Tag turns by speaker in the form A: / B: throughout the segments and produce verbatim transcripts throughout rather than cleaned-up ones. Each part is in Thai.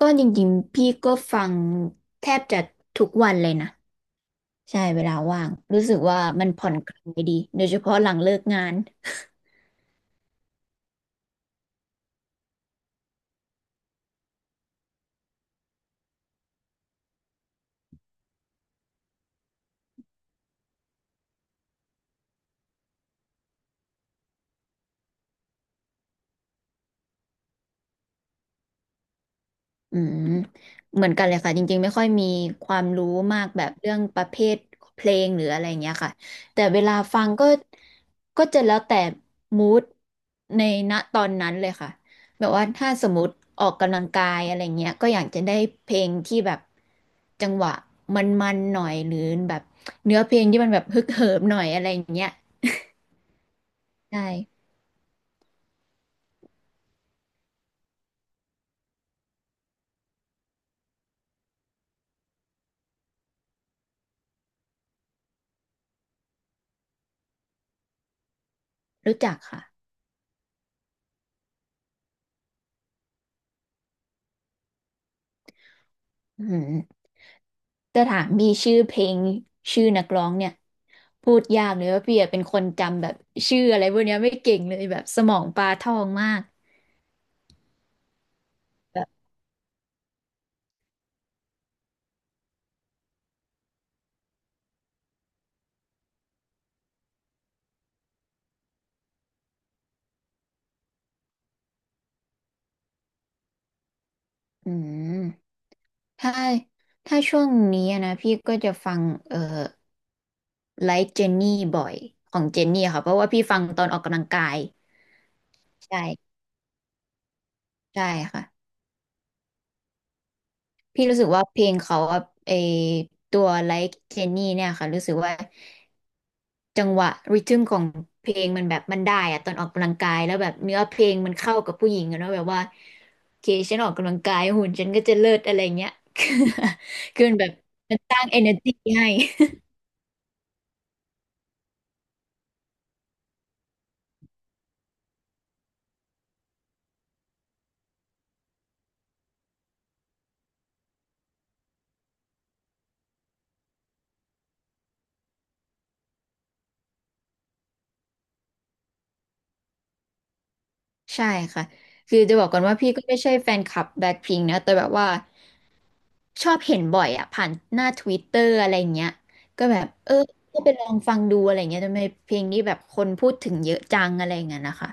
A: ก็จริงๆพี่ก็ฟังแทบจะทุกวันเลยนะใช่เวลาว่างรู้สึกว่ามันผ่อนคลายดีโดยเฉพาะหลังเลิกงาน อืมเหมือนกันเลยค่ะจริงๆไม่ค่อยมีความรู้มากแบบเรื่องประเภทเพลงหรืออะไรเงี้ยค่ะแต่เวลาฟังก็ก็จะแล้วแต่มูดในณตอนนั้นเลยค่ะแบบว่าถ้าสมมติออกกำลังกายอะไรเงี้ยก็อยากจะได้เพลงที่แบบจังหวะมันๆหน่อยหรือแบบเนื้อเพลงที่มันแบบฮึกเหิมหน่อยอะไรอย่างเงี้ยใช่รู้จักค่ะอืมจะถามมีชื่อเพลงชื่อนักร้องเนี่ย พูดยากเลยว่าพี่อะเป็นคนจำแบบชื่ออะไรพวกเนี้ยไม่เก่งเลยแบบสมองปลาทองมากแบบอืมถ้าถ้าช่วงนี้อะนะพี่ก็จะฟังเอ่อไลฟ์เจนนี่บ่อยของเจนนี่ค่ะเพราะว่าพี่ฟังตอนออกกำลังกายใช่ใช่ค่ะ พี่รู้สึกว่าเพลงเขาอะไอตัว ไลก์ เจนนี่ เนี่ยค่ะรู้สึกว่าจังหวะริทึมของเพลงมันแบบมันได้อะตอนออกกำลังกายแล้วแบบเนื้อเพลงมันเข้ากับผู้หญิงอะเนาะแบบว่าโอเคฉันออกกำลังกายหุ่นฉันก็จะเลิศอะไรเงี้ย คือคือมันแบบมันสร้าง เอเนอร์จี้ ให้ ใช่ค่ะคือจะบอกก่อนว่าพี่ก็ไม่ใช่แฟนคลับแบล็คพิงค์นะแต่แบบว่า ชอบเห็นบ่อยอะผ่านหน้าทวิตเตอร์อะไรเงี้ยก็แบบเออก็ไปลองฟังดูอะไรเงี้ยทำไมเพลงนี้แบบคนพูดถึงเยอะจังอะไรเงี้ยนะคะ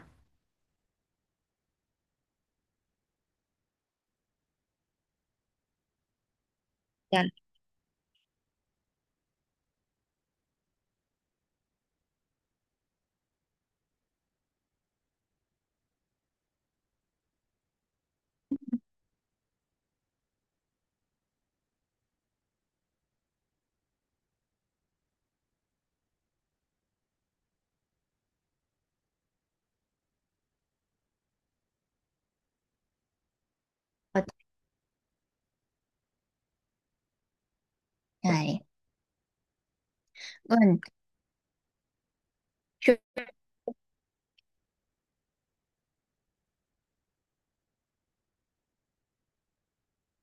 A: จะเข้าใจก็มันช่วย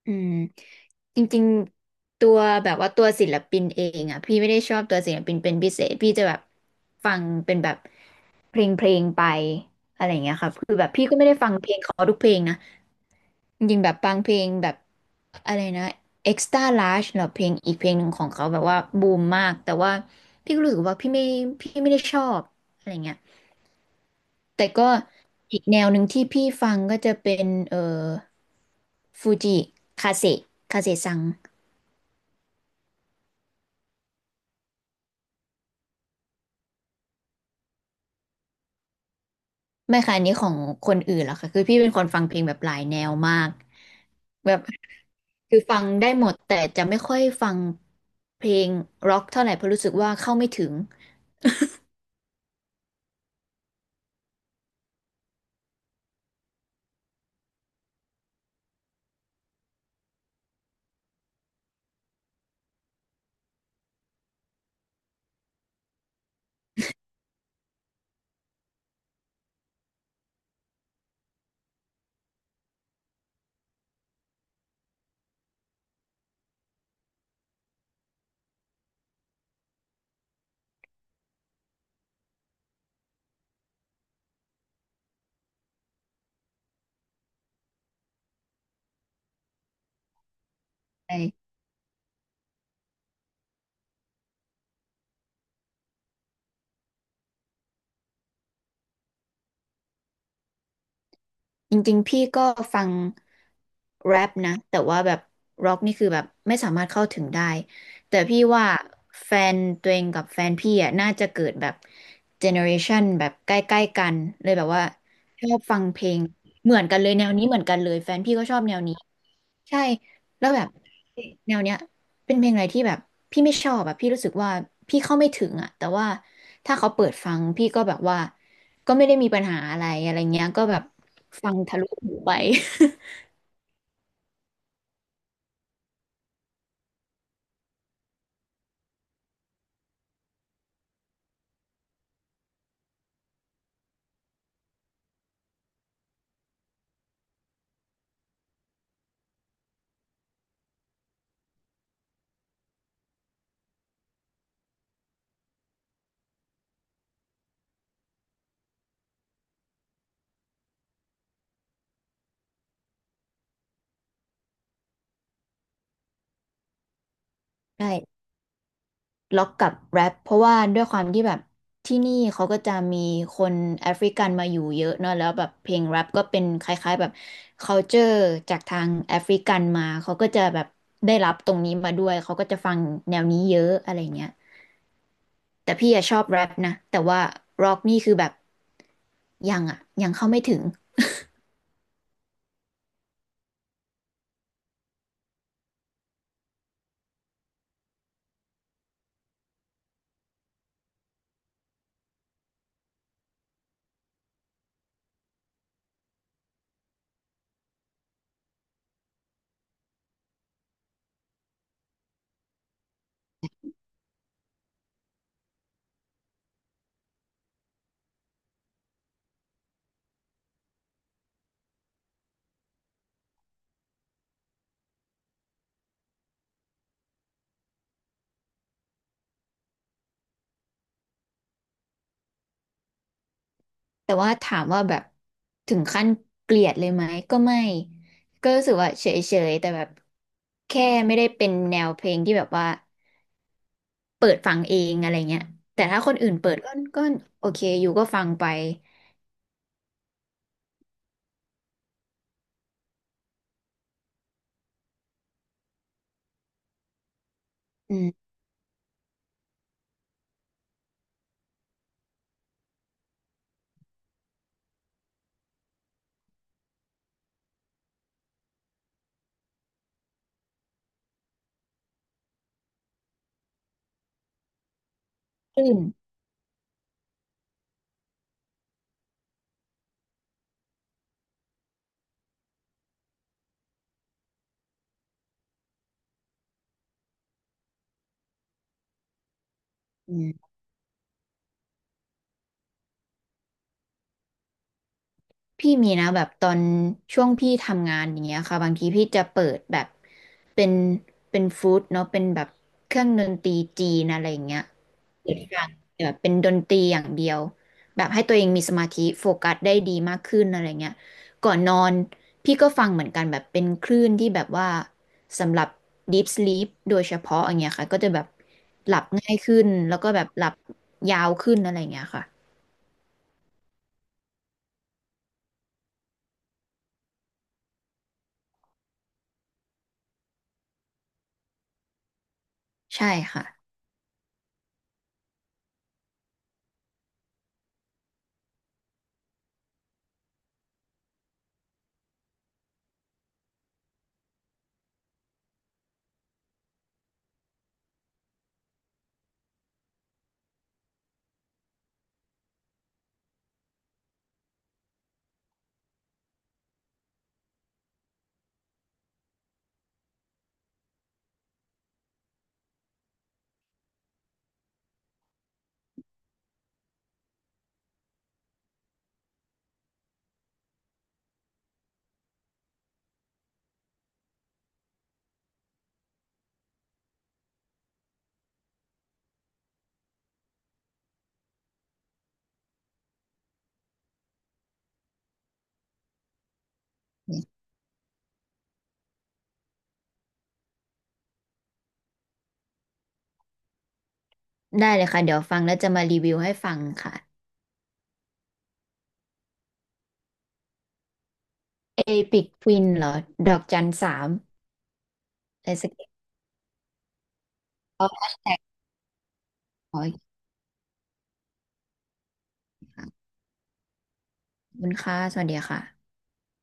A: อืมจริงๆตัวแบบว่าตัวศิลปินเองอะพี่ไม่ได้ชอบตัวศิลปินเป็นพิเศษพี่จะแบบฟังเป็นแบบเพลงเพลงไปอะไรเงี้ยค่ะคือแบบพี่ก็ไม่ได้ฟังเพลงเขาทุกเพลงนะ จริงๆแบบบางเพลงแบบอะไรนะ เอ็กซ์ตร้า ลาร์จ เหรอเพลงอีกเพลงหนึ่งของเขาแบบว่าบูมมากแต่ว่าพี่ก็รู้สึกว่าพี่ไม่พี่ไม่ได้ชอบอะไรเงี้ยแต่ก็อีกแนวหนึ่งที่พี่ฟังก็จะเป็นเอ่อฟูจิคาเซคาเซซังไม่ค่ะอันนี้ของคนอื่นหรอกค่ะคือพี่เป็นคนฟังเพลงแบบหลายแนวมากแบบคือฟังได้หมดแต่จะไม่ค่อยฟังเพลงร็อกเท่าไหร่เพราะรู้สึกว่าเข้าไม่ถึง จริงๆพี่ก็ฟังแรปนะแต่ว่าแบบร็อกนี่คือแบบไม่สามารถเข้าถึงได้แต่พี่ว่าแฟนตัวเองกับแฟนพี่อ่ะน่าจะเกิดแบบเจเนอเรชันแบบใกล้ๆกันเลยแบบว่าชอบฟังเพลงเหมือนกันเลยแนวนี้เหมือนกันเลยแฟนพี่ก็ชอบแนวนี้ ใช่ แล้วแบบแนวเนี้ยเป็นเพลงอะไรที่แบบพี่ไม่ชอบอะพี่รู้สึกว่าพี่เข้าไม่ถึงอะแต่ว่าถ้าเขาเปิดฟังพี่ก็แบบว่าก็ไม่ได้มีปัญหาอะไรอะไรเงี้ยก็แบบฟังทะลุหูไป ใช่ล็อกกับแรปเพราะว่าด้วยความที่แบบที่นี่เขาก็จะมีคนแอฟริกันมาอยู่เยอะเนอะแล้วแบบเพลงแรปก็เป็นคล้ายๆแบบ คัลเจอร์ จากทางแอฟริกันมาเขาก็จะแบบได้รับตรงนี้มาด้วยเขาก็จะฟังแนวนี้เยอะอะไรเงี้ย แต่พี่อะชอบแรปนะแต่ว่าร็อกนี่คือแบบยังอะยังเข้าไม่ถึงแต่ว่าถามว่าแบบถึงขั้นเกลียดเลยไหมก็ไม่ก็รู้สึกว่าเฉยๆแต่แบบแค่ไม่ได้เป็นแนวเพลงที่แบบว่าเปิดฟังเองอะไรเงี้ยแต่ถ้าคนอื่นเปิดก็ก็โอเคอยู่ก็ฟังไปอืมตื่นอืม พี่มีนะแบบตอนช่วงพี่ทำงานอย่างเงี้ยค่ะบางทีพี่จะเปิดแบบเป็นเป็นฟู้ดเนาะเป็นแบบเครื่องดนตรีจีนอะไรอย่างเงี้ยเปิดฟังแบบเป็นดนตรีอย่างเดียวแบบให้ตัวเองมีสมาธิโฟกัสได้ดีมากขึ้นอะไรเงี้ยก่อนนอนพี่ก็ฟังเหมือนกันแบบเป็นคลื่นที่แบบว่าสำหรับ ดีพ สลีป โดยเฉพาะอย่างเงี้ยค่ะก็จะแบบหลับง่ายขึ้นแล้วก็แบบหลับยาวขึ้นอะไรอย่างเงี้ยค่ะใช่ค่ะ ได้เลยค่ะเดี๋ยวฟังแล้วจะมารีวิวให้ฟังค่ะเอพิกควินเหรอดอกจันสามอะไรสักอย่างแท็กขออีกครั้งขอบคุณค่ะสวัสดีค่ะ